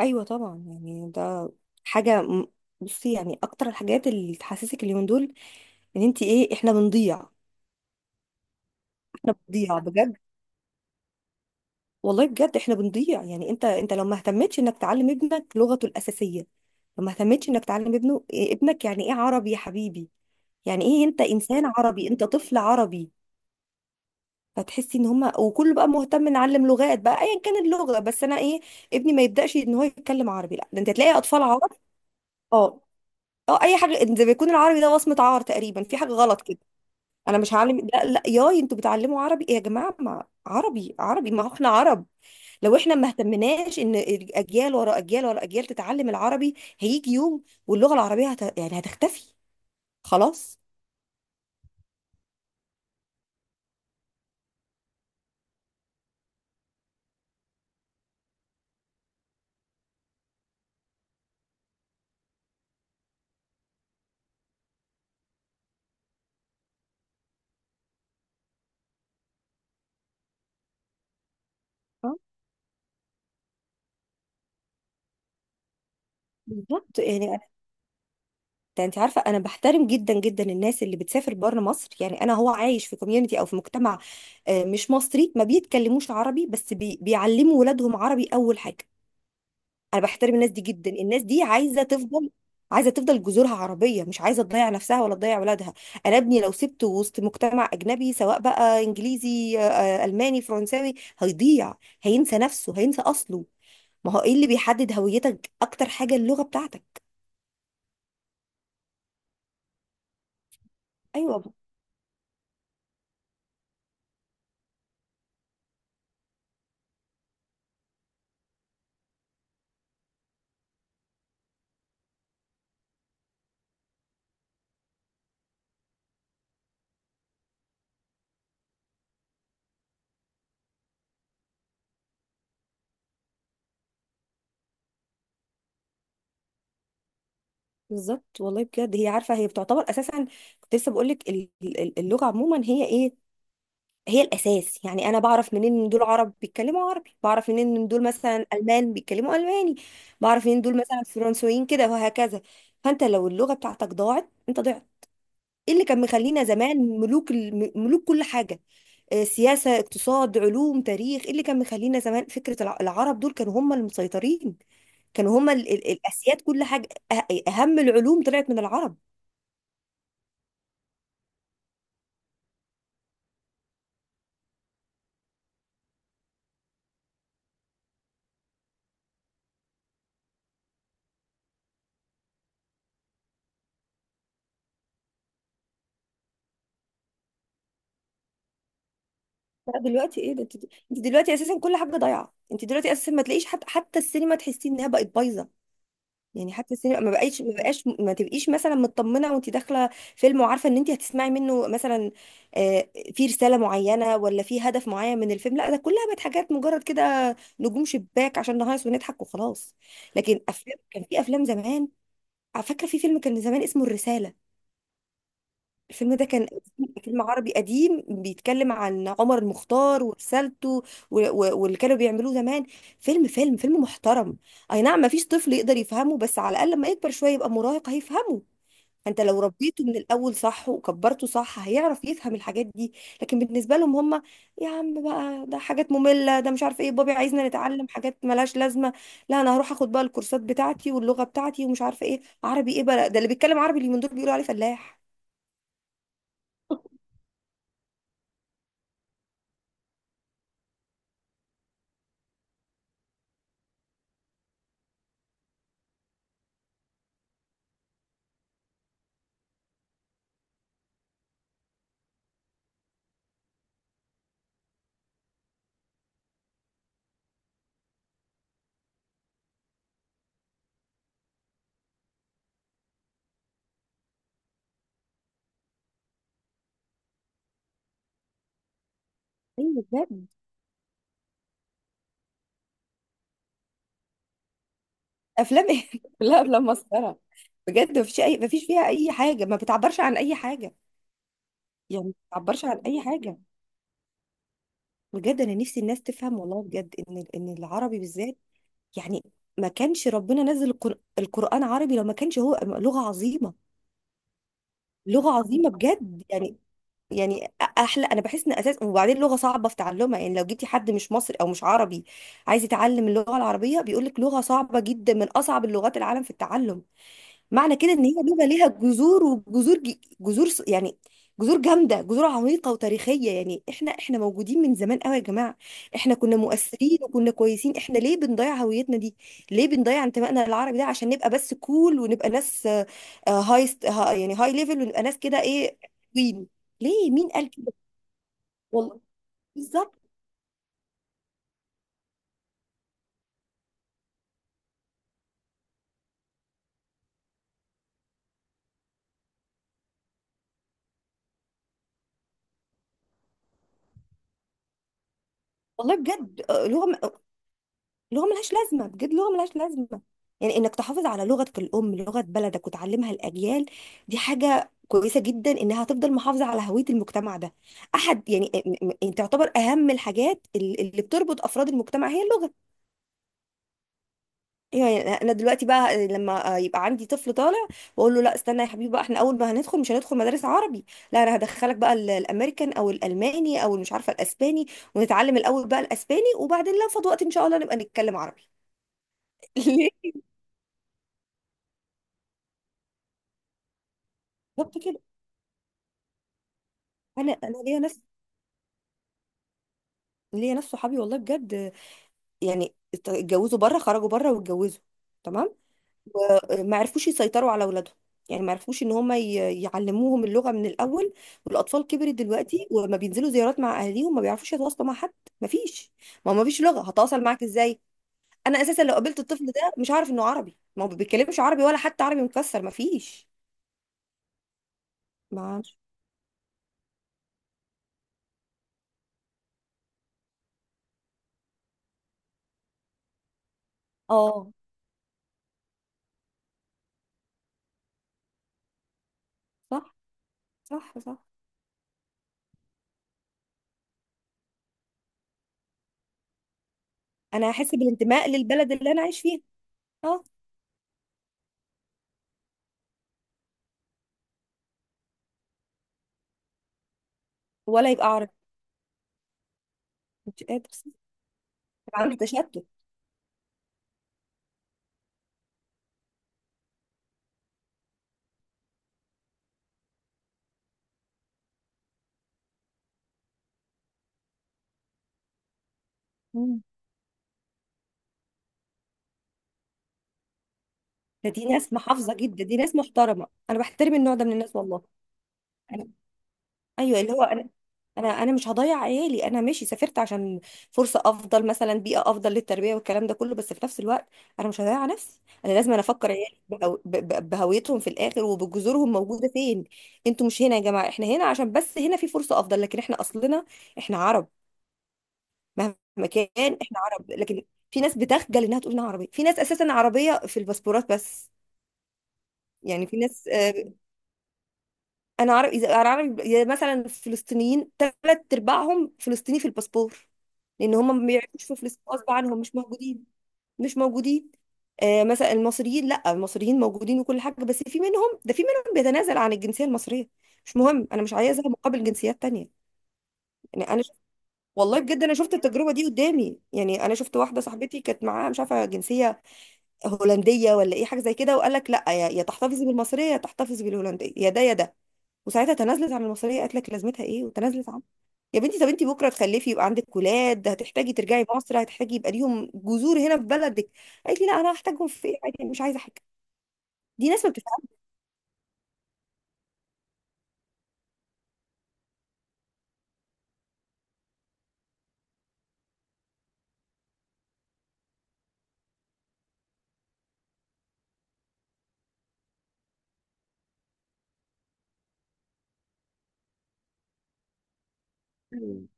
ايوه طبعا، يعني ده حاجه بصي، اكتر الحاجات اللي تحسسك اليومين دول ان انت ايه، احنا بنضيع، احنا بنضيع بجد. والله بجد احنا بنضيع. يعني انت لو ما اهتمتش انك تعلم ابنك لغته الاساسيه، لو ما اهتمتش انك تعلم ابنه إيه، ابنك، يعني ايه عربي يا حبيبي؟ يعني ايه انت انسان عربي، انت طفل عربي. فتحسي ان هما وكله بقى مهتم نعلم لغات بقى ايا كان اللغه، بس انا ايه، ابني ما يبداش ان هو يتكلم عربي؟ لا، ده انت تلاقي اطفال عرب، اه اه، اي حاجه زي ما يكون العربي ده وصمه عار تقريبا، في حاجه غلط كده. انا مش هعلم، لا، لا، ياي انتوا بتعلموا عربي إيه يا جماعه؟ ما عربي عربي، ما هو احنا عرب. لو احنا ما اهتمناش ان اجيال ورا اجيال ورا اجيال تتعلم العربي، هيجي يوم واللغه العربيه يعني هتختفي خلاص. اه بالظبط، يعني انت عارفه، انا بحترم جدا جدا الناس اللي بتسافر بره مصر، يعني انا هو عايش في كوميونتي او في مجتمع مش مصري، ما بيتكلموش عربي، بس بيعلموا ولادهم عربي اول حاجه. انا بحترم الناس دي جدا، الناس دي عايزه تفضل، عايزه تفضل جذورها عربيه، مش عايزه تضيع نفسها ولا تضيع ولادها. انا ابني لو سبته وسط مجتمع اجنبي سواء بقى انجليزي، الماني، فرنساوي، هيضيع، هينسى نفسه، هينسى اصله. ما هو ايه اللي بيحدد هويتك اكتر حاجه؟ اللغه بتاعتك. ايوه بالظبط، والله بجد هي عارفه، هي بتعتبر اساسا، كنت لسه بقول لك اللغه عموما هي ايه، هي الاساس. يعني انا بعرف منين ان دول عرب؟ بيتكلموا عربي. بعرف منين ان دول مثلا المان؟ بيتكلموا الماني. بعرف منين دول مثلا فرنسويين كده؟ وهكذا. فانت لو اللغه بتاعتك ضاعت، انت ضعت. ايه اللي كان مخلينا زمان ملوك ملوك كل حاجه؟ سياسه، اقتصاد، علوم، تاريخ. ايه اللي كان مخلينا زمان فكره العرب دول كانوا هم المسيطرين، كانوا هم الاسياد كل حاجه؟ اهم العلوم طلعت من العرب. لا دلوقتي ايه ده، انت دلوقتي اساسا كل حاجه ضايعه، انت دلوقتي اساسا ما تلاقيش حتى السينما تحسي انها بقت بايظه. يعني حتى السينما ما بقاش، ما تبقيش مثلا مطمنه وانت داخله فيلم وعارفه ان انت هتسمعي منه مثلا في رساله معينه ولا في هدف معين من الفيلم. لا، ده كلها بقت حاجات مجرد كده نجوم شباك عشان نهيص ونضحك وخلاص. لكن افلام كان في افلام زمان، فاكره في فيلم كان زمان اسمه الرساله. الفيلم ده كان فيلم عربي قديم بيتكلم عن عمر المختار ورسالته واللي كانوا بيعملوه زمان، فيلم محترم. اي نعم ما فيش طفل يقدر يفهمه، بس على الاقل لما يكبر شويه يبقى مراهق هيفهمه. انت لو ربيته من الاول صح وكبرته صح هيعرف يفهم الحاجات دي. لكن بالنسبه لهم هم، يا عم بقى ده حاجات ممله، ده مش عارف ايه بابي عايزنا نتعلم حاجات ملهاش لازمه، لا انا هروح اخد بقى الكورسات بتاعتي واللغه بتاعتي ومش عارفه ايه، عربي ايه بقى؟ ده اللي بيتكلم عربي اللي من دول بيقولوا عليه فلاح. ايوه بجد. افلام ايه؟ كلها افلام مسخره. بجد مفيش اي، مفيش فيها اي حاجه، ما بتعبرش عن اي حاجه. يعني ما بتعبرش عن اي حاجه. بجد انا نفسي الناس تفهم والله بجد ان العربي بالذات، يعني ما كانش ربنا نزل القران عربي لو ما كانش هو لغه عظيمه. لغه عظيمه بجد يعني. يعني احلى، انا بحس ان اساس، وبعدين لغه صعبه في تعلمها. يعني لو جبتي حد مش مصري او مش عربي عايز يتعلم اللغه العربيه، بيقول لك لغه صعبه جدا من اصعب اللغات العالم في التعلم. معنى كده ان هي بيبقى ليها جذور، وجذور جذور يعني جذور جامده، جذور عميقه وتاريخيه. يعني احنا موجودين من زمان قوي يا جماعه، احنا كنا مؤثرين وكنا كويسين، احنا ليه بنضيع هويتنا دي؟ ليه بنضيع انتمائنا للعربي ده عشان نبقى بس كول، ونبقى ناس يعني هاي ليفل، ونبقى ناس كده ايه؟ وين؟ ليه؟ مين قال كده؟ والله بالظبط، والله بجد اللي هو لغه ملهاش لازمه بجد، لغه ملهاش لازمه. يعني انك تحافظ على لغتك الام، لغه بلدك، وتعلمها الاجيال، دي حاجه كويسه جدا، انها هتفضل محافظه على هويه المجتمع ده. احد يعني، تعتبر اهم الحاجات اللي بتربط افراد المجتمع هي اللغه. يعني انا دلوقتي بقى لما يبقى عندي طفل طالع، واقول له لا استنى يا حبيبي بقى، احنا اول ما هندخل، مش هندخل مدارس عربي، لا انا هدخلك بقى الامريكان او الالماني او مش عارفه الاسباني، ونتعلم الاول بقى الاسباني، وبعدين لو فاض وقت ان شاء الله نبقى نتكلم عربي. ليه؟ بالظبط كده. انا ليا ناس، ليا ناس صحابي والله بجد، يعني اتجوزوا بره، خرجوا بره واتجوزوا، تمام، وما عرفوش يسيطروا على اولادهم، يعني ما عرفوش ان هم يعلموهم اللغه من الاول، والاطفال كبرت دلوقتي وما بينزلوا زيارات مع اهاليهم، ما بيعرفوش يتواصلوا مع حد. ما فيش، ما هو ما فيش لغه، هتواصل معاك ازاي؟ انا اساسا لو قابلت الطفل ده مش عارف انه عربي، ما هو ما بيتكلمش عربي ولا حتى عربي مكسر، ما فيش. ما اه. صح صح. انا هحس بالانتماء للبلد اللي انا عايش فيها. اه. ولا يبقى عربي. مش قادر، عنده تشتت. مم. ده دي ناس محافظه جدا، دي ناس محترمه، انا بحترم النوع ده من الناس والله. انا ايوه، اللي هو انا، انا مش هضيع عيالي، انا ماشي سافرت عشان فرصه افضل مثلا، بيئه افضل للتربيه والكلام ده كله، بس في نفس الوقت انا مش هضيع نفسي، انا لازم انا افكر عيالي بهويتهم في الاخر، وبجذورهم موجوده فين. انتوا مش هنا يا جماعه، احنا هنا عشان بس هنا في فرصه افضل، لكن احنا اصلنا احنا عرب، مهما كان احنا عرب. لكن في ناس بتخجل انها تقول انها عربيه، في ناس اساسا عربيه في الباسبورات بس، يعني في ناس انا عرب اذا، انا عربي إذا، مثلا فلسطينيين ثلاث ارباعهم فلسطيني في الباسبور، لان هم ما بيعيشوا في فلسطين غصب عنهم، مش موجودين، مش موجودين. آه مثلا المصريين، لا المصريين موجودين وكل حاجه، بس في منهم ده، في منهم بيتنازل عن الجنسيه المصريه، مش مهم، انا مش عايزها مقابل جنسيات تانية. يعني انا شفت، والله بجد انا شفت التجربه دي قدامي، يعني انا شفت واحده صاحبتي كانت معاها مش عارفه جنسيه هولنديه ولا ايه حاجه زي كده، وقال لك لا، يا تحتفظي بالمصريه يا تحتفظي بالهولنديه، يا ده يا ده، وساعتها تنازلت عن المصريه، قالت لك لازمتها ايه، وتنازلت عن. يا بنتي طب انتي بكره تخلفي يبقى عندك ولاد، هتحتاجي ترجعي مصر، هتحتاجي يبقى ليهم جذور هنا في بلدك. قالت لي لا انا هحتاجهم في ايه، عادي أنا مش عايزه حاجه. دي ناس ما بتفهمش. مم.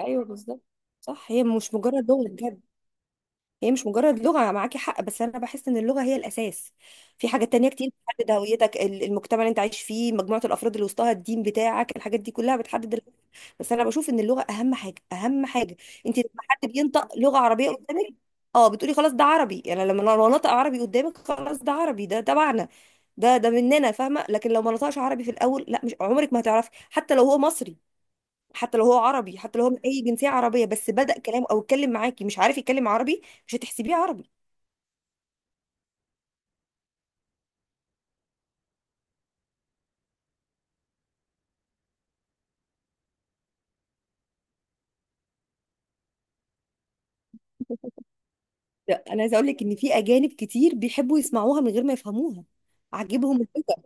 ايوه بالظبط. صح هي مش مجرد لغه بجد. هي مش مجرد لغة، معاكي حق، بس أنا بحس إن اللغة هي الأساس. في حاجات تانية كتير بتحدد هويتك المجتمع اللي أنت عايش فيه، مجموعة الأفراد اللي وسطها، الدين بتاعك، الحاجات دي كلها بتحدد بس أنا بشوف إن اللغة أهم حاجة، أهم حاجة. أنت لما حد بينطق لغة عربية قدامك، أه بتقولي خلاص ده عربي. يعني لما أنا نطق عربي قدامك خلاص ده عربي، ده تبعنا، ده مننا، فاهمة؟ لكن لو ما نطقش عربي في الأول، لا مش عمرك ما هتعرفي، حتى لو هو مصري، حتى لو هو عربي، حتى لو هو من اي جنسيه عربيه، بس بدأ كلامه او اتكلم معاكي مش عارف يتكلم عربي، مش هتحسبيه عربي. ده انا عايزه اقول لك ان في اجانب كتير بيحبوا يسمعوها من غير ما يفهموها، عجبهم الفكره.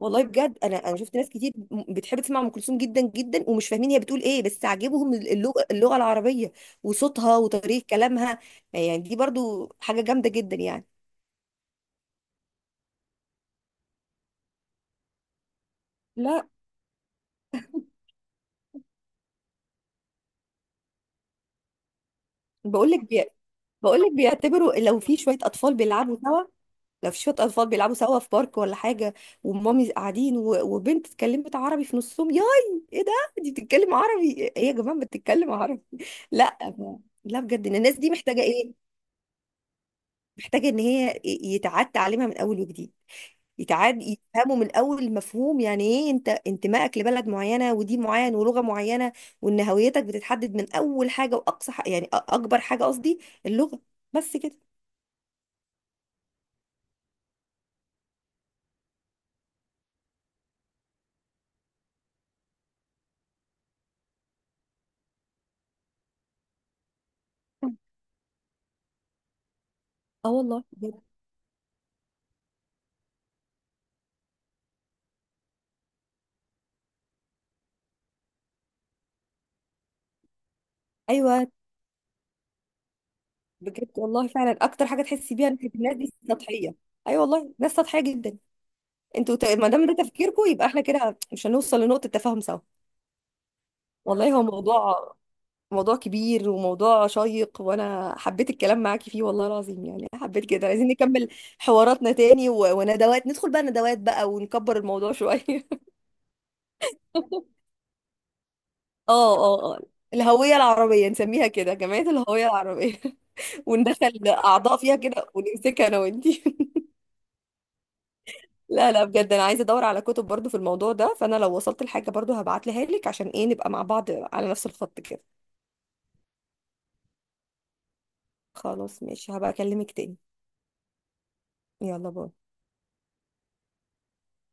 والله بجد انا، انا شفت ناس كتير بتحب تسمع ام كلثوم جدا جدا، ومش فاهمين هي بتقول ايه، بس عاجبهم اللغه، اللغه العربيه، وصوتها وطريقه كلامها. يعني دي برضو حاجه جامده جدا يعني. لا بقول لك بي... بقول لك بيعتبروا لو في شويه اطفال بيلعبوا سوا، لو في شويه اطفال بيلعبوا سوا في بارك ولا حاجه، ومامي قاعدين وبنت اتكلمت عربي في نصهم، ياي ايه ده، دي بتتكلم عربي، ايه يا جماعه بتتكلم عربي؟ لا لا، بجد إن الناس دي محتاجه ايه، محتاجه ان هي يتعاد تعليمها من اول وجديد، يتعاد يفهموا من اول المفهوم يعني ايه، انت انتمائك لبلد معينه ودين معين ولغه معينه، وان هويتك بتتحدد من اول حاجه، واقصى يعني اكبر حاجه قصدي، اللغه، بس كده. اه والله بجد. ايوه بجد والله فعلا، اكتر حاجه تحسي بيها ان الناس دي سطحيه. ايوه والله ناس سطحيه جدا. انتوا ما دام ده تفكيركم يبقى احنا كده مش هنوصل لنقطه تفاهم سوا. والله هو موضوع، موضوع كبير وموضوع شيق، وانا حبيت الكلام معاكي فيه والله العظيم، يعني حبيت كده، عايزين نكمل حواراتنا تاني، وندوات، ندخل بقى ندوات بقى ونكبر الموضوع شويه. اه، الهويه العربيه، نسميها كده جمعيه الهويه العربيه. وندخل اعضاء فيها كده ونمسكها انا وانتي. لا، بجد انا عايزه ادور على كتب برضو في الموضوع ده، فانا لو وصلت لحاجه برضو هبعتلها لك، عشان ايه، نبقى مع بعض على نفس الخط كده. خلاص ماشي، هبقى اكلمك تاني. يلا باي.